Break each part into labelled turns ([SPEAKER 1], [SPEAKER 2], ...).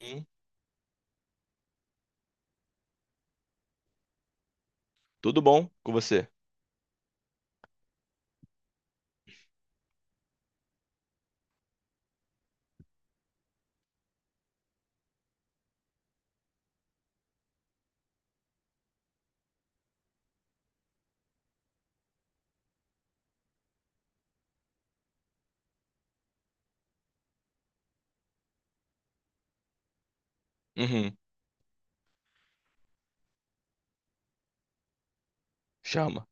[SPEAKER 1] Hum. Tudo bom com você? Uhum. Chama.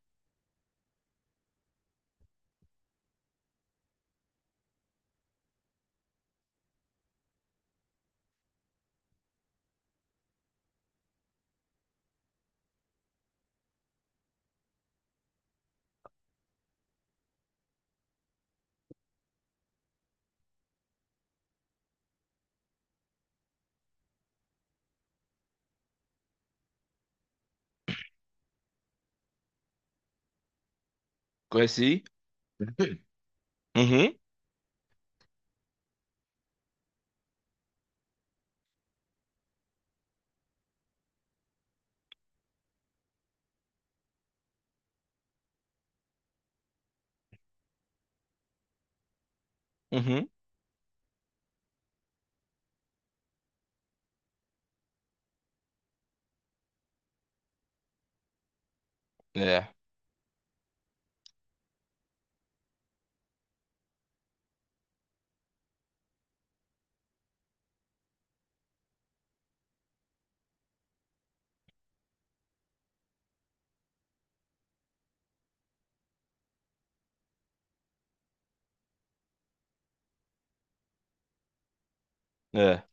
[SPEAKER 1] Conheci? Uhum. Uhum. É. É.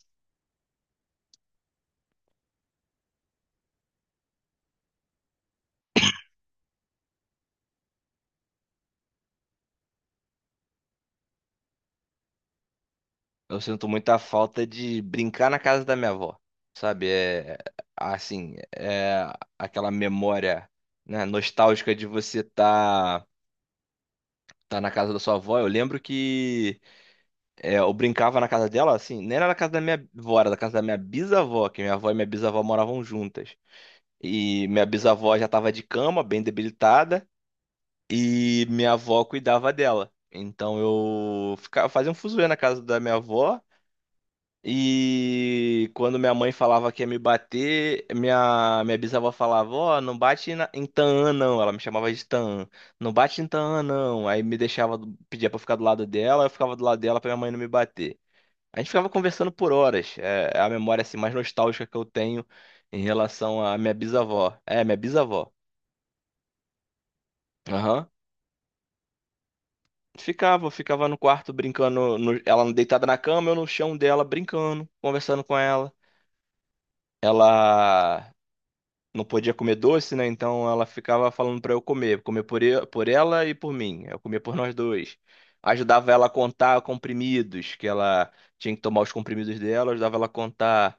[SPEAKER 1] Eu sinto muita falta de brincar na casa da minha avó. Sabe? É assim, aquela memória, né, nostálgica de você tá na casa da sua avó. Eu lembro que eu brincava na casa dela, assim, nem era na casa da minha avó, era da casa da minha bisavó, que minha avó e minha bisavó moravam juntas. E minha bisavó já tava de cama, bem debilitada. E minha avó cuidava dela. Então eu ficava, fazia um fuzuê na casa da minha avó. E quando minha mãe falava que ia me bater, minha bisavó falava: Ó, não bate em Taã, não. Ela me chamava de Taã. Não bate em Taã, não. Aí me deixava, pedia pra eu ficar do lado dela, eu ficava do lado dela pra minha mãe não me bater. A gente ficava conversando por horas. É a memória, assim, mais nostálgica que eu tenho em relação à minha bisavó. É, minha bisavó. Aham. Ficava, ficava no quarto brincando, ela deitada na cama, eu no chão dela brincando, conversando com ela. Ela não podia comer doce, né? Então ela ficava falando pra eu comer, comer por ela e por mim. Eu comia por nós dois. Ajudava ela a contar comprimidos, que ela tinha que tomar os comprimidos dela, ajudava ela a contar.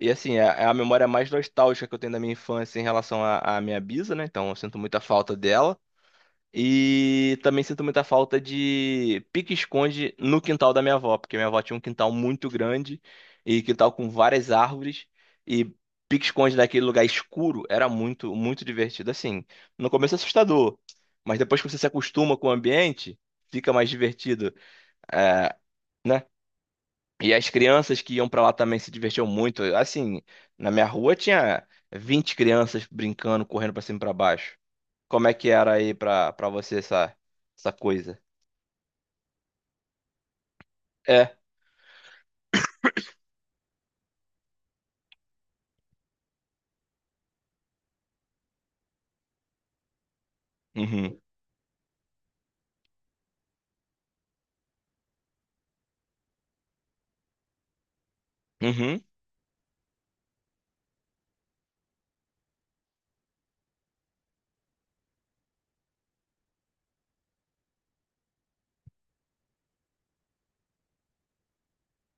[SPEAKER 1] E assim, é a memória mais nostálgica que eu tenho da minha infância em relação à minha bisa, né? Então eu sinto muita falta dela. E também sinto muita falta de pique-esconde no quintal da minha avó, porque minha avó tinha um quintal muito grande e quintal com várias árvores, e pique-esconde naquele lugar escuro era muito, muito divertido. Assim, no começo é assustador, mas depois que você se acostuma com o ambiente, fica mais divertido, é, né? E as crianças que iam pra lá também se divertiam muito. Assim, na minha rua tinha 20 crianças brincando, correndo pra cima e pra baixo. Como é que era aí pra você essa coisa? É. Uhum. Uhum.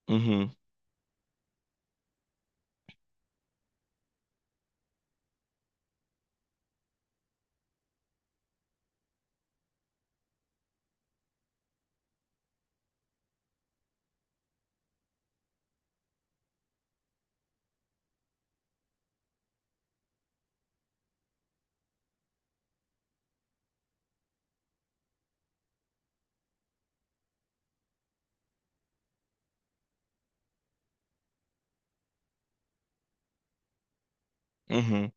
[SPEAKER 1] Uhum. Uhum.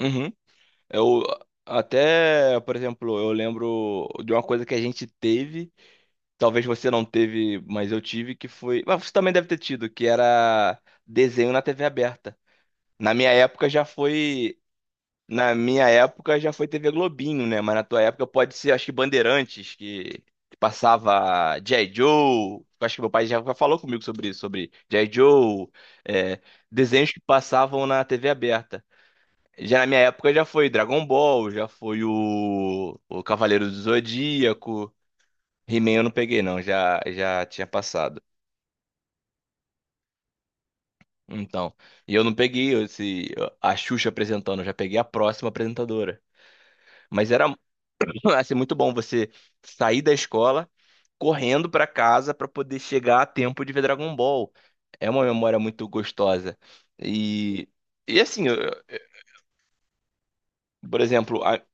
[SPEAKER 1] Uhum. Eu até, por exemplo, eu lembro de uma coisa que a gente teve, talvez você não teve, mas eu tive, que foi. Mas você também deve ter tido, que era desenho na TV aberta. Na minha época já foi Na minha época já foi TV Globinho, né? Mas na tua época pode ser, acho que Bandeirantes, que passava G.I. Joe. Eu acho que meu pai já falou comigo sobre isso, sobre G.I. Joe, é, desenhos que passavam na TV aberta. Já na minha época já foi Dragon Ball, já foi o Cavaleiro do Zodíaco. He-Man eu não peguei, não, já tinha passado. Então, e eu não peguei a Xuxa apresentando, eu já peguei a próxima apresentadora. Mas era, vai ser muito bom você sair da escola correndo pra casa pra poder chegar a tempo de ver Dragon Ball. É uma memória muito gostosa. E, e assim, por exemplo,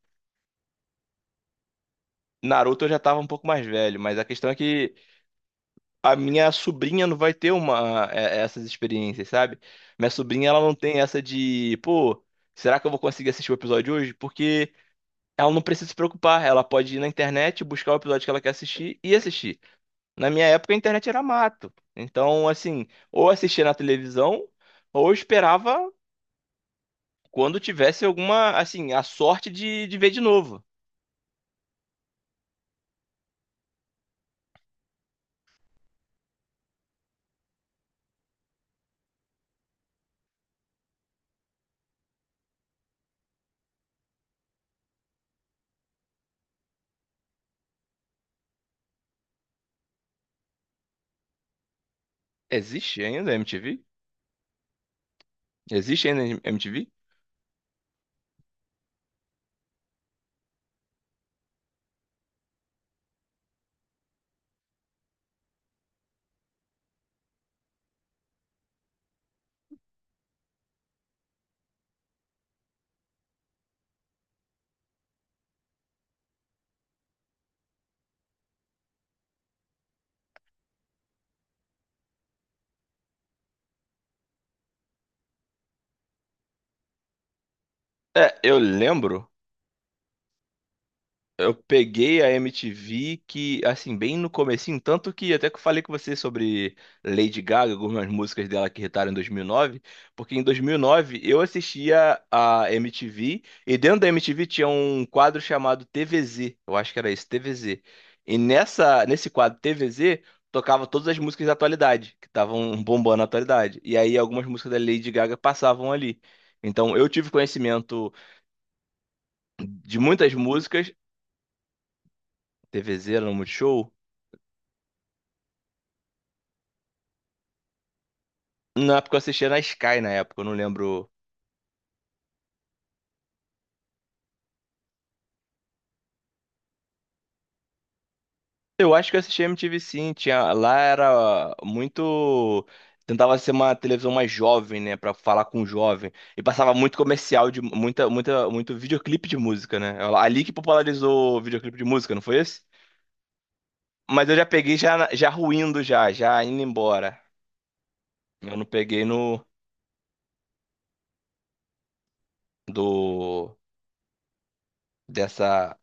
[SPEAKER 1] Naruto eu já tava um pouco mais velho, mas a questão é que a minha sobrinha não vai ter uma, essas experiências, sabe? Minha sobrinha, ela não tem essa de, pô, será que eu vou conseguir assistir o episódio hoje? Porque ela não precisa se preocupar, ela pode ir na internet, buscar o episódio que ela quer assistir e assistir. Na minha época a internet era mato. Então, assim, ou assistia na televisão, ou esperava quando tivesse alguma, assim, a sorte de ver de novo. Existe ainda a MTV? Existe ainda a MTV? É, eu lembro. Eu peguei a MTV que, assim, bem no comecinho, tanto que até que eu falei com você sobre Lady Gaga, algumas músicas dela que irritaram em 2009, porque em 2009 eu assistia a MTV, e dentro da MTV tinha um quadro chamado TVZ, eu acho que era esse, TVZ. Nesse quadro TVZ tocava todas as músicas da atualidade, que estavam bombando na atualidade. E aí algumas músicas da Lady Gaga passavam ali. Então eu tive conhecimento de muitas músicas. TVZ era no Multishow. Na Porque eu assistia na Sky na época, eu não lembro. Eu acho que eu assistia MTV, sim. Tinha lá, era muito, tentava ser uma televisão mais jovem, né, pra falar com o jovem. E passava muito comercial de muita muita muito videoclipe de música, né? É ali que popularizou o videoclipe de música, não foi esse? Mas eu já peguei já ruindo, já indo embora. Eu não peguei no do dessa,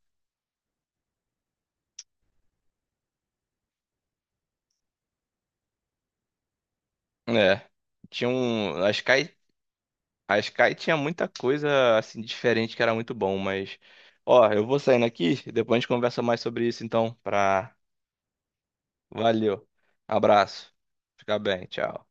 [SPEAKER 1] é. Tinha um, a Sky A Sky tinha muita coisa assim diferente que era muito bom, mas ó, eu vou saindo aqui, depois a gente conversa mais sobre isso então, pra... Valeu. Abraço. Fica bem, tchau.